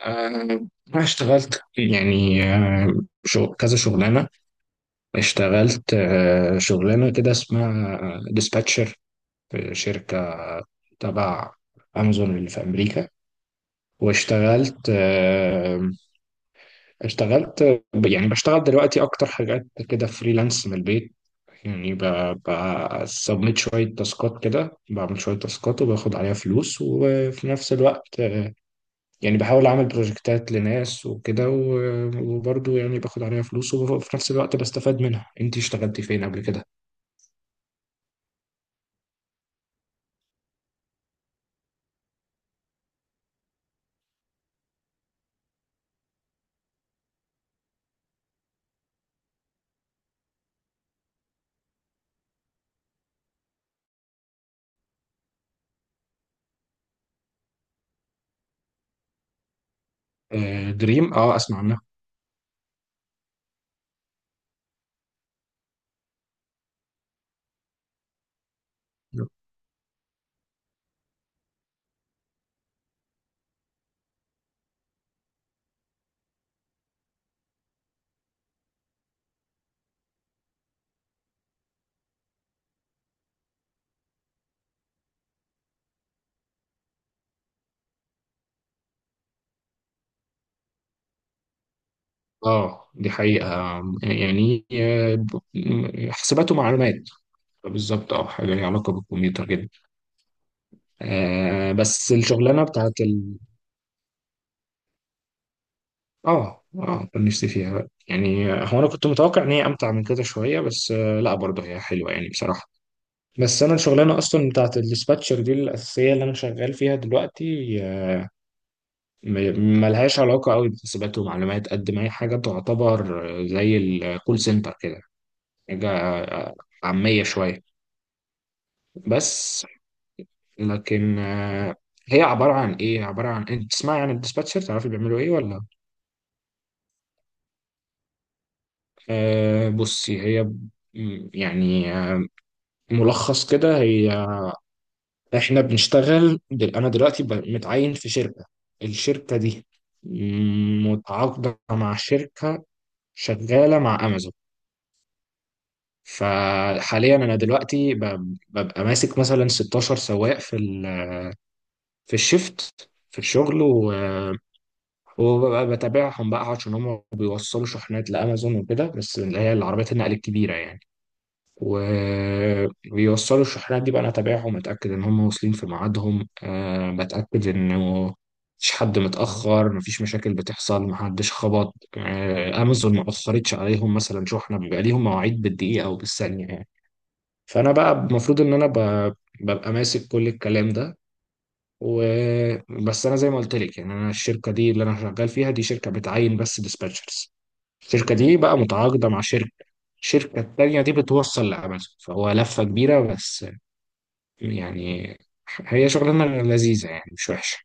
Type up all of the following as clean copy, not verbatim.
آه، أنا اشتغلت يعني كذا شغلانة، اشتغلت شغلانة كده اسمها ديسباتشر في شركة تبع أمازون اللي في أمريكا. واشتغلت اشتغلت يعني بشتغل دلوقتي أكتر حاجات كده فريلانس من البيت. يعني بسبميت شوية تاسكات كده، بعمل شوية تاسكات وباخد عليها فلوس، وفي نفس الوقت يعني بحاول أعمل بروجكتات لناس وكده، وبرضه يعني باخد عليها فلوس وفي نفس الوقت بستفاد منها. أنت اشتغلتي فين قبل كده؟ آه، دريم، اه، اسمع عنها. اه، دي حقيقة. يعني حسابات ومعلومات، بالظبط. اه، حاجة ليها علاقة بالكمبيوتر جدا. آه، بس الشغلانة بتاعت اه اه، كان نفسي فيها بقى. يعني هو انا كنت متوقع ان هي امتع من كده شوية، بس لا، برضه هي حلوة يعني بصراحة. بس انا الشغلانه اصلا بتاعت الdispatcher دي الاساسيه اللي انا شغال فيها دلوقتي ملهاش علاقه قوي بحسابات ومعلومات، قد ما هي حاجه تعتبر زي الكول سنتر كده، حاجه عاميه شويه. بس لكن هي عباره عن ايه؟ عباره عن انت تسمعي عن الديسباتشر، تعرفي بيعملوا ايه ولا؟ آه، بصي هي يعني ملخص كده، هي احنا انا متعين في شركة، الشركة دي متعاقدة مع شركة شغالة مع امازون. فحاليا انا ببقى ماسك مثلا 16 سواق في الشفت في الشغل وببقى بتابعهم بقى، عشان هم بيوصلوا شحنات لامازون وكده، بس اللي هي العربيات النقل الكبيرة يعني. وبيوصلوا الشحنات دي بقى انا اتابعهم، اتاكد ان هم واصلين في ميعادهم، بتاكد انه مفيش حد متاخر، مفيش مشاكل بتحصل، محدش خبط، امازون ما اخرتش عليهم مثلا شحنه، بيبقى ليهم مواعيد بالدقيقه او بالثانيه يعني. فانا بقى المفروض ان ببقى ماسك كل الكلام ده. وبس انا زي ما قلت لك يعني، انا الشركه دي اللي انا شغال فيها دي شركه بتعين بس ديسباتشرز، الشركة دي بقى متعاقدة مع شركة، الشركة التانية دي بتوصل لأمازون، فهو لفة كبيرة بس يعني. هي شغلانة لذيذة يعني مش وحشة.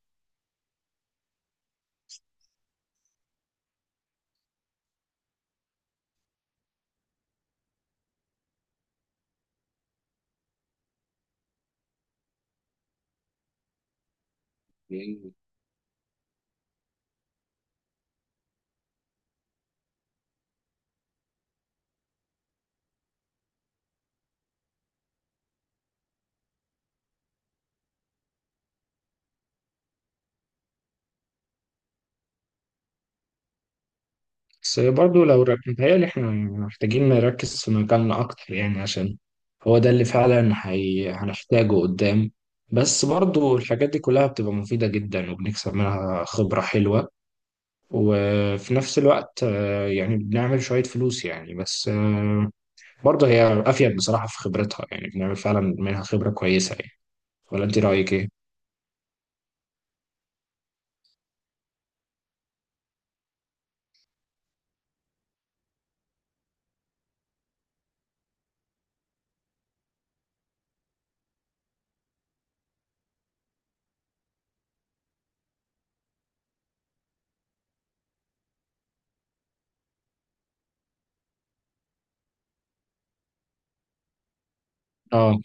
بس برضه لو متهيألي احنا محتاجين نركز في مجالنا أكتر يعني، عشان هو ده اللي فعلا هنحتاجه قدام. بس برضه الحاجات دي كلها بتبقى مفيدة جدا، وبنكسب منها خبرة حلوة. وفي نفس الوقت يعني بنعمل شوية فلوس يعني. بس برضه هي افيد بصراحه في خبرتها، يعني بنعمل فعلا منها خبره كويسه يعني. ولا انت رايك ايه؟ اه،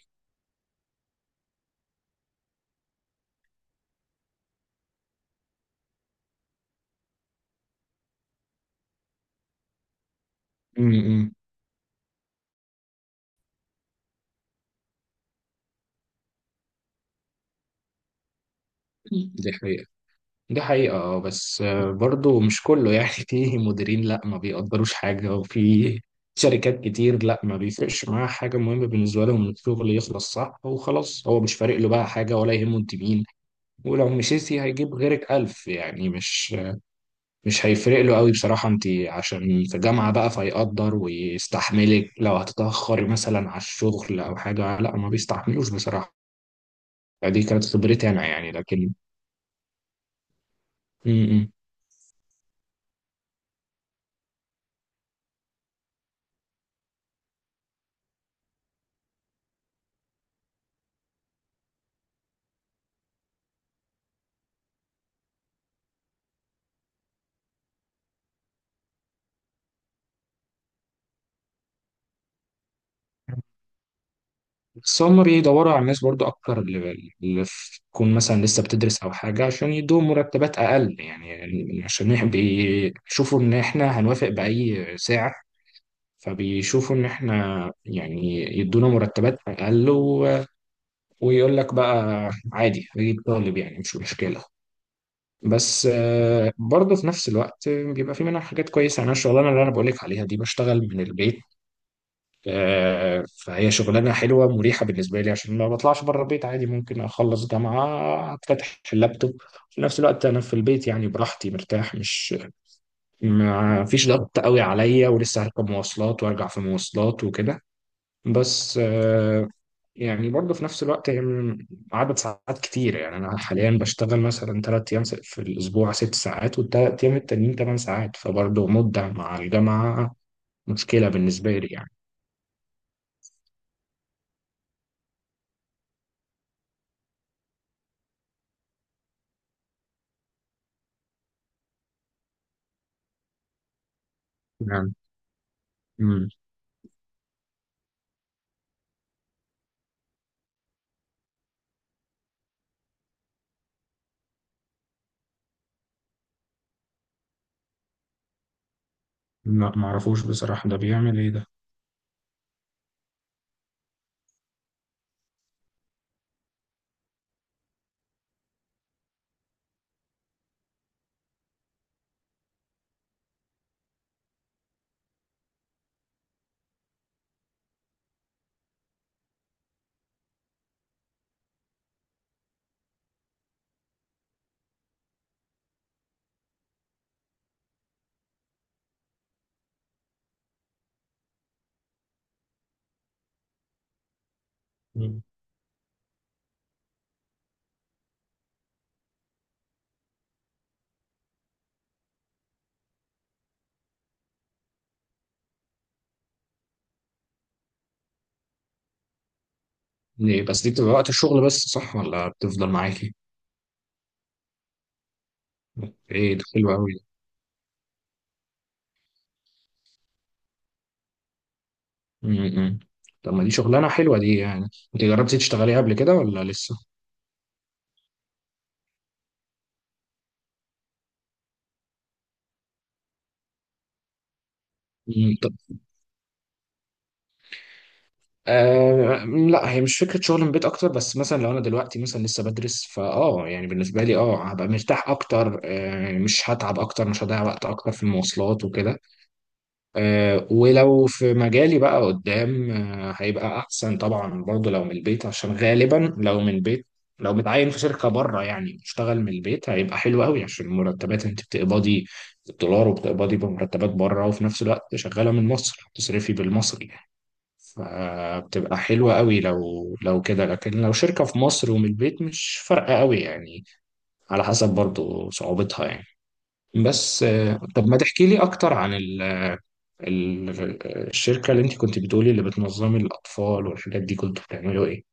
امم دي حقيقه، دي حقيقه. اه، بس برضه مش كله يعني في مديرين لا ما بيقدروش حاجه، وفي شركات كتير لا ما بيفرقش معاها حاجه، مهمه بالنسبه لهم إن الشغل يخلص صح وخلاص، هو مش فارق له بقى حاجه ولا يهمه انت مين. ولو مشيتي هيجيب غيرك الف يعني، مش هيفرق له قوي بصراحة. انت عشان في جامعة بقى فيقدر ويستحملك، لو هتتأخري مثلا على الشغل او حاجة لا ما بيستحملوش بصراحة. دي كانت خبرتي انا يعني، لكن م- م. بس هم بيدوروا على الناس برضو اكتر، اللي تكون مثلا لسه بتدرس او حاجة، عشان يدوهم مرتبات اقل يعني، يعني عشان بيشوفوا ان احنا هنوافق بأي سعر. فبيشوفوا ان احنا يعني يدونا مرتبات اقل، ويقول لك بقى عادي اجيب طالب يعني مش مشكله. بس برضه في نفس الوقت بيبقى في منها حاجات كويسه يعني، انا الشغلانه اللي انا بقول لك عليها دي بشتغل من البيت. فهي شغلانه حلوه مريحه بالنسبه لي، عشان ما بطلعش بره البيت عادي، ممكن اخلص جامعه افتتح اللابتوب في نفس الوقت انا في البيت يعني، براحتي مرتاح، مش ما فيش ضغط قوي عليا، ولسه هركب مواصلات وارجع في مواصلات وكده. بس يعني برضه في نفس الوقت هي عدد ساعات كتير يعني. أنا حاليا بشتغل مثلا 3 أيام في الأسبوع 6 ساعات، والتلات أيام التانيين 8 ساعات، فبرضه مدة مع الجامعة مشكلة بالنسبة لي يعني مم. لا، معرفوش بصراحة، ده بيعمل إيه ده؟ مم. ليه بس دي بتبقى وقت الشغل بس صح ولا بتفضل معاكي؟ إيه ده حلو أوي ده. مم، مم. طب ما دي شغلانة حلوة دي يعني، أنت جربتي تشتغلي قبل كده ولا لسه؟ آه لا، هي مش فكره شغل من البيت اكتر، بس مثلا لو انا دلوقتي مثلا لسه بدرس، فاه يعني بالنسبه لي اه هبقى مرتاح اكتر، يعني مش هتعب اكتر، مش هضيع وقت اكتر في المواصلات وكده. آه، ولو في مجالي بقى قدام هيبقى احسن طبعا، برضه لو من البيت، عشان غالبا لو من البيت، لو متعين في شركه بره يعني اشتغل من البيت، هيبقى حلو قوي، عشان المرتبات انت بتقبضي بالدولار، وبتقبضي بمرتبات بره وفي نفس الوقت شغاله من مصر هتصرفي بالمصري، فبتبقى حلوة قوي لو لو كده. لكن لو شركة في مصر ومن البيت مش فارقة قوي يعني، على حسب برضو صعوبتها يعني. بس طب ما تحكي لي اكتر عن ال ال الشركة اللي انت كنت بتقولي، اللي بتنظمي الاطفال والحاجات دي، كنتوا بتعملوا ايه؟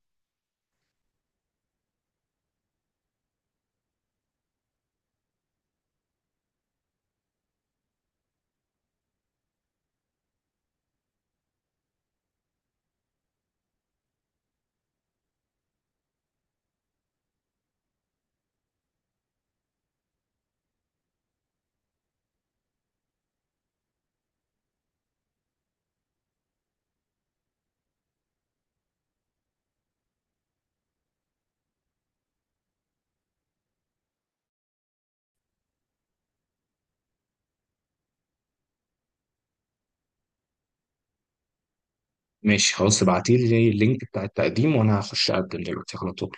ماشي خلاص، ابعتي لي اللينك بتاع التقديم، وانا هخش اقدم دلوقتي على طول.